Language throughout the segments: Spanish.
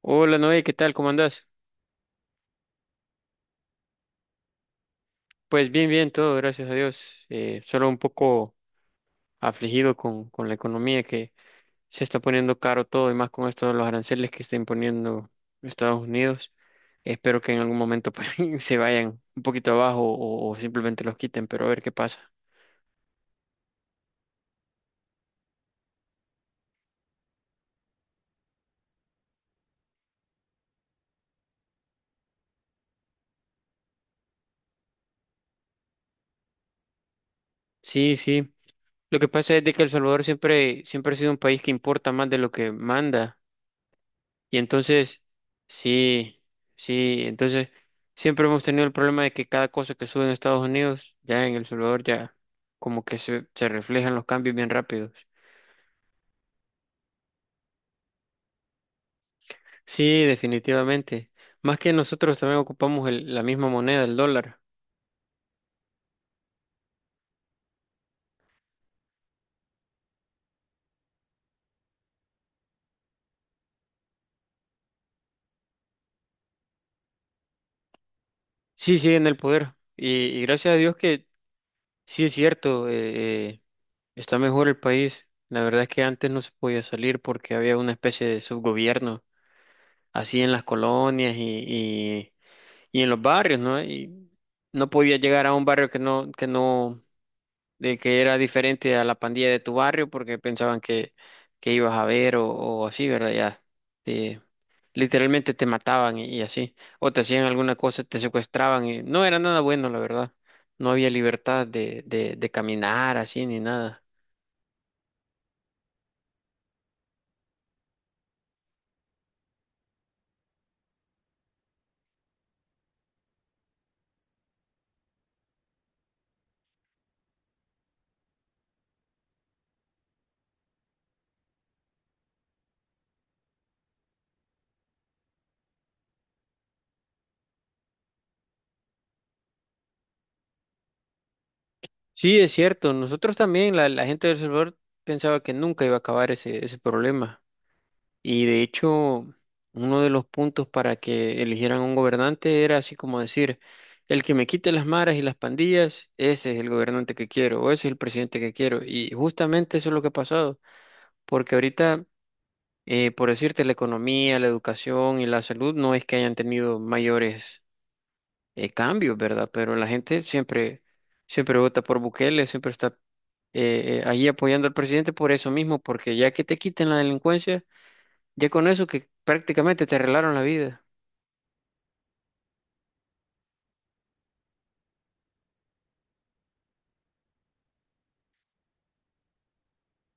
Hola Noé, ¿qué tal? ¿Cómo andás? Pues bien, bien, todo, gracias a Dios. Solo un poco afligido con la economía que se está poniendo caro todo, y más con esto de los aranceles que está imponiendo Estados Unidos. Espero que en algún momento pues, se vayan un poquito abajo o simplemente los quiten, pero a ver qué pasa. Sí, sí. Lo que pasa es de que El Salvador siempre, siempre ha sido un país que importa más de lo que manda. Y entonces, sí, sí, entonces siempre hemos tenido el problema de que cada cosa que sube en Estados Unidos, ya en El Salvador, ya como que se reflejan los cambios bien rápidos. Sí, definitivamente. Más que nosotros también ocupamos la misma moneda, el dólar. Sí, sigue en el poder. Y gracias a Dios que sí es cierto, está mejor el país. La verdad es que antes no se podía salir porque había una especie de subgobierno, así en las colonias y en los barrios, ¿no? Y no podía llegar a un barrio que no, de que era diferente a la pandilla de tu barrio porque pensaban que ibas a ver o así, ¿verdad? Ya, te- literalmente te mataban y así, o te hacían alguna cosa, te secuestraban y no era nada bueno, la verdad. No había libertad de caminar así ni nada. Sí, es cierto, nosotros también, la gente de El Salvador pensaba que nunca iba a acabar ese problema. Y de hecho, uno de los puntos para que eligieran un gobernante era así como decir, el que me quite las maras y las pandillas, ese es el gobernante que quiero, o ese es el presidente que quiero. Y justamente eso es lo que ha pasado, porque ahorita, por decirte, la economía, la educación y la salud no es que hayan tenido mayores cambios, ¿verdad? Pero la gente siempre, siempre vota por Bukele, siempre está ahí apoyando al presidente por eso mismo, porque ya que te quiten la delincuencia ya con eso que prácticamente te arreglaron la vida.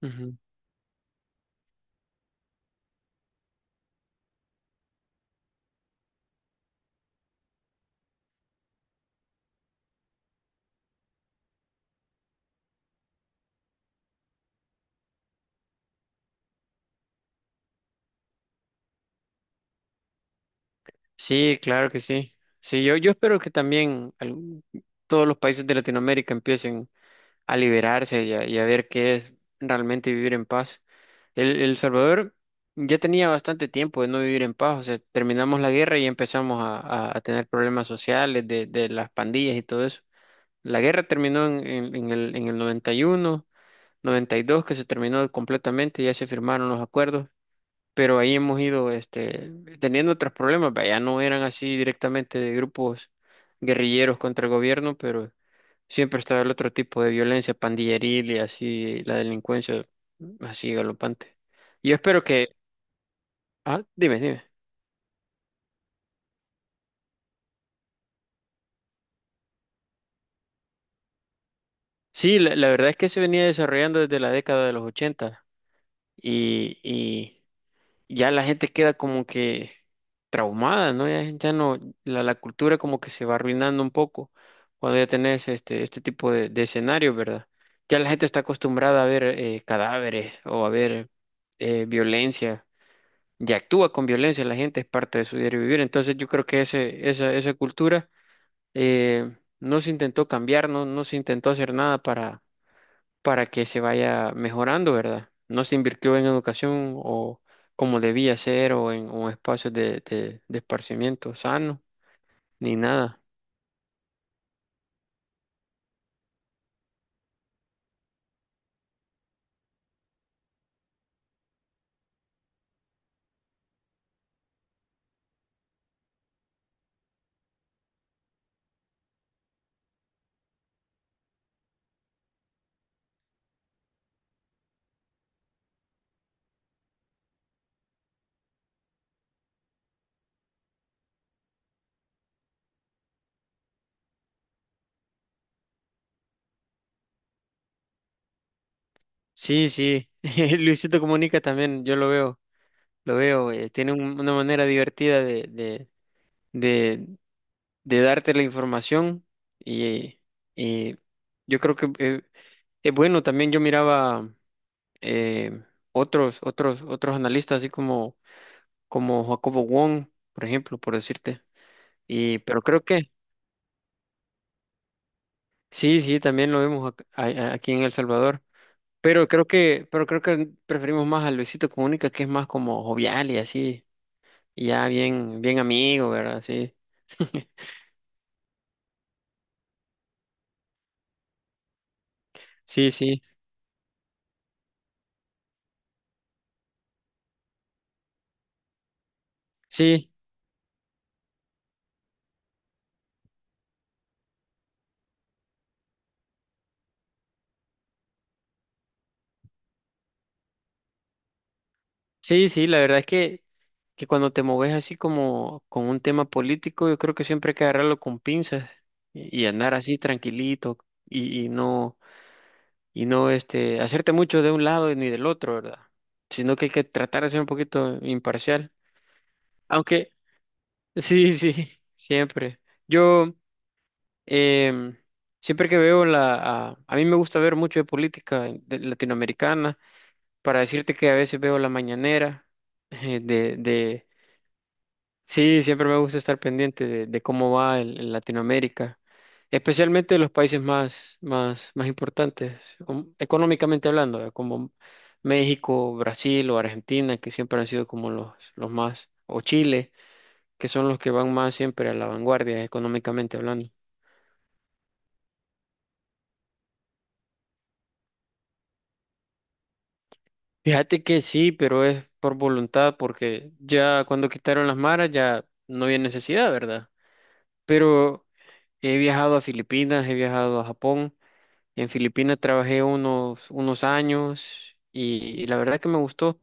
Ujú. Sí, claro que sí. Sí, yo espero que también todos los países de Latinoamérica empiecen a liberarse y a ver qué es realmente vivir en paz. El Salvador ya tenía bastante tiempo de no vivir en paz, o sea, terminamos la guerra y empezamos a, a tener problemas sociales de las pandillas y todo eso. La guerra terminó en, en el 91, 92 que se terminó completamente, ya se firmaron los acuerdos. Pero ahí hemos ido teniendo otros problemas, vaya, no eran así directamente de grupos guerrilleros contra el gobierno, pero siempre estaba el otro tipo de violencia pandilleril y así la delincuencia así galopante. Yo espero que... Ah, dime, dime. Sí, la verdad es que se venía desarrollando desde la década de los 80 y, ya la gente queda como que traumada, ¿no? Ya, ya no, la cultura como que se va arruinando un poco cuando ya tenés este, este tipo de escenarios, ¿verdad? Ya la gente está acostumbrada a ver cadáveres o a ver violencia, ya actúa con violencia, la gente es parte de su diario vivir, entonces yo creo que ese, esa cultura eh, no se intentó cambiar, no, no se intentó hacer nada para que se vaya mejorando, ¿verdad? No se invirtió en educación o como debía ser o en un espacio de, de esparcimiento sano, ni nada. Sí, sí, Luisito Comunica también, yo lo veo, tiene una manera divertida de, de darte la información y, y yo creo que es bueno, también yo miraba eh, otros, otros, otros analistas así como, como Jacobo Wong, por ejemplo, por decirte. Y, pero creo que sí, sí, también lo vemos a- aquí en El Salvador. Pero creo que preferimos más a Luisito Comunica, que es más como jovial y así, y ya bien, bien amigo, ¿verdad? Sí. Sí, sí, sí, sí, sí, la verdad es que cuando te moves así como con un tema político, yo creo que siempre hay que agarrarlo con pinzas y andar así tranquilito y, y no, y no hacerte mucho de un lado ni del otro, ¿verdad? Sino que hay que tratar de ser un poquito imparcial. Aunque, sí, sí, siempre. Yo, em, siempre que veo la... A, a mí me gusta ver mucho de política latinoamericana, para decirte que a veces veo la mañanera de... Sí, siempre me gusta estar pendiente de cómo va el Latinoamérica, especialmente de los países más, más, más importantes, económicamente hablando, ¿verdad? Como México, Brasil o Argentina, que siempre han sido como los más, o Chile, que son los que van más siempre a la vanguardia económicamente hablando. Fíjate que sí, pero es por voluntad, porque ya cuando quitaron las maras ya no había necesidad, ¿verdad? Pero he viajado a Filipinas, he viajado a Japón. En Filipinas trabajé unos años y la verdad que me gustó,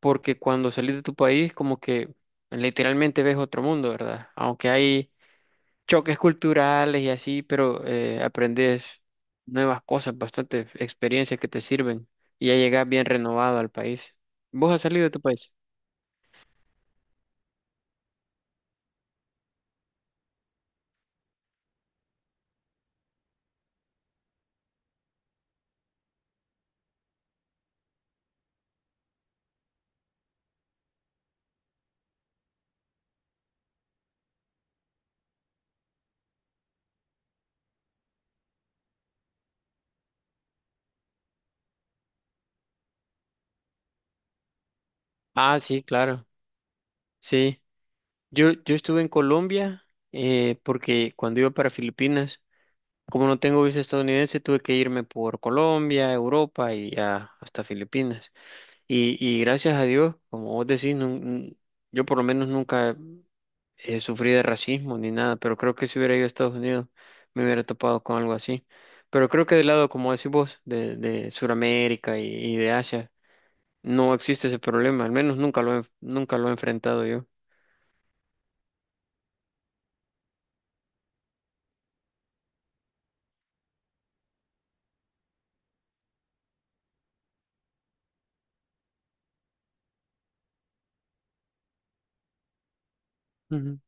porque cuando salís de tu país como que literalmente ves otro mundo, ¿verdad? Aunque hay choques culturales y así, pero aprendes nuevas cosas, bastante experiencias que te sirven y ya llegas bien renovado al país. ¿Vos has salido de tu país? Ah, sí, claro, sí. Yo estuve en Colombia porque cuando iba para Filipinas, como no tengo visa estadounidense, tuve que irme por Colombia, Europa y ya hasta Filipinas. Y gracias a Dios, como vos decís, yo por lo menos nunca sufrí de racismo ni nada, pero creo que si hubiera ido a Estados Unidos me hubiera topado con algo así. Pero creo que del lado, como decís vos, de Sudamérica y de Asia, no existe ese problema, al menos nunca lo he, nunca lo he enfrentado yo. Ujú.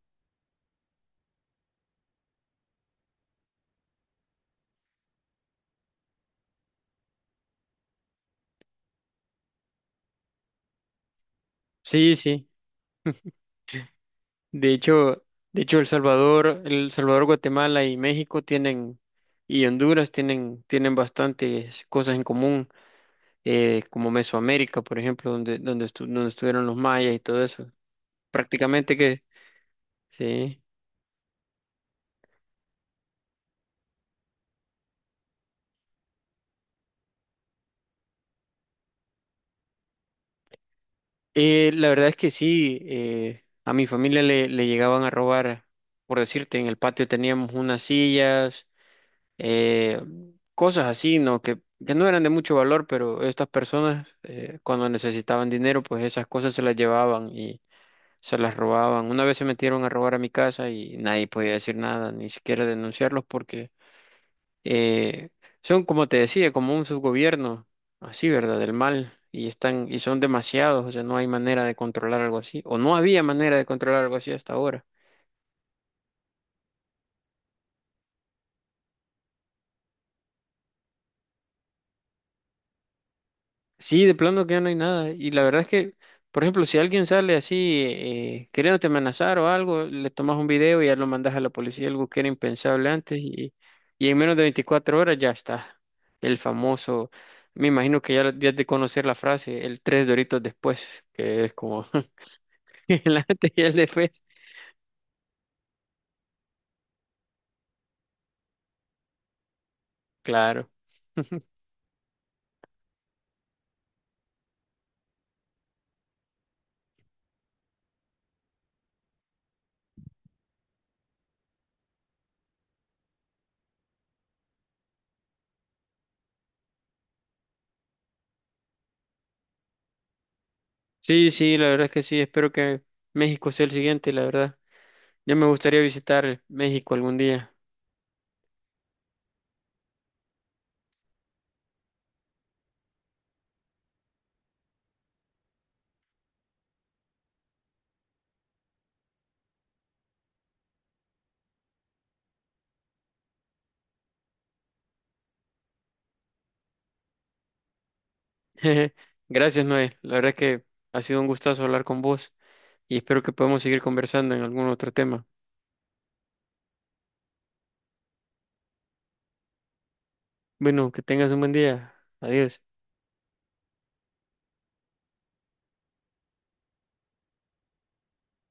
Sí, sí. De hecho, de hecho El Salvador, El Salvador, Guatemala y México tienen, y Honduras tienen, tienen bastantes cosas en común, como Mesoamérica, por ejemplo, donde, donde estuvieron los mayas y todo eso. Prácticamente que, sí. La verdad es que sí, a mi familia le llegaban a robar, por decirte, en el patio teníamos unas sillas, eh, cosas así, ¿no? Que no eran de mucho valor, pero estas personas cuando necesitaban dinero, pues esas cosas se las llevaban y se las robaban. Una vez se metieron a robar a mi casa y nadie podía decir nada, ni siquiera denunciarlos porque eh, son, como te decía, como un subgobierno, así, ¿verdad? Del mal, y están, y son demasiados, o sea, no hay manera de controlar algo así, o no había manera de controlar algo así hasta ahora. Sí, de plano que ya no hay nada, y la verdad es que, por ejemplo, si alguien sale así, queriéndote amenazar o algo, le tomas un video y ya lo mandas a la policía, algo que era impensable antes, y en menos de 24 horas ya está, el famoso... Me imagino que ya, ya has de conocer la frase, el tres doritos después, que es como el antes y el después. Claro. Sí, sí, la verdad es que sí. Espero que México sea el siguiente, la verdad. Ya me gustaría visitar México algún día. Gracias, Noé. La verdad es que ha sido un gustazo hablar con vos y espero que podamos seguir conversando en algún otro tema. Bueno, que tengas un buen día. Adiós.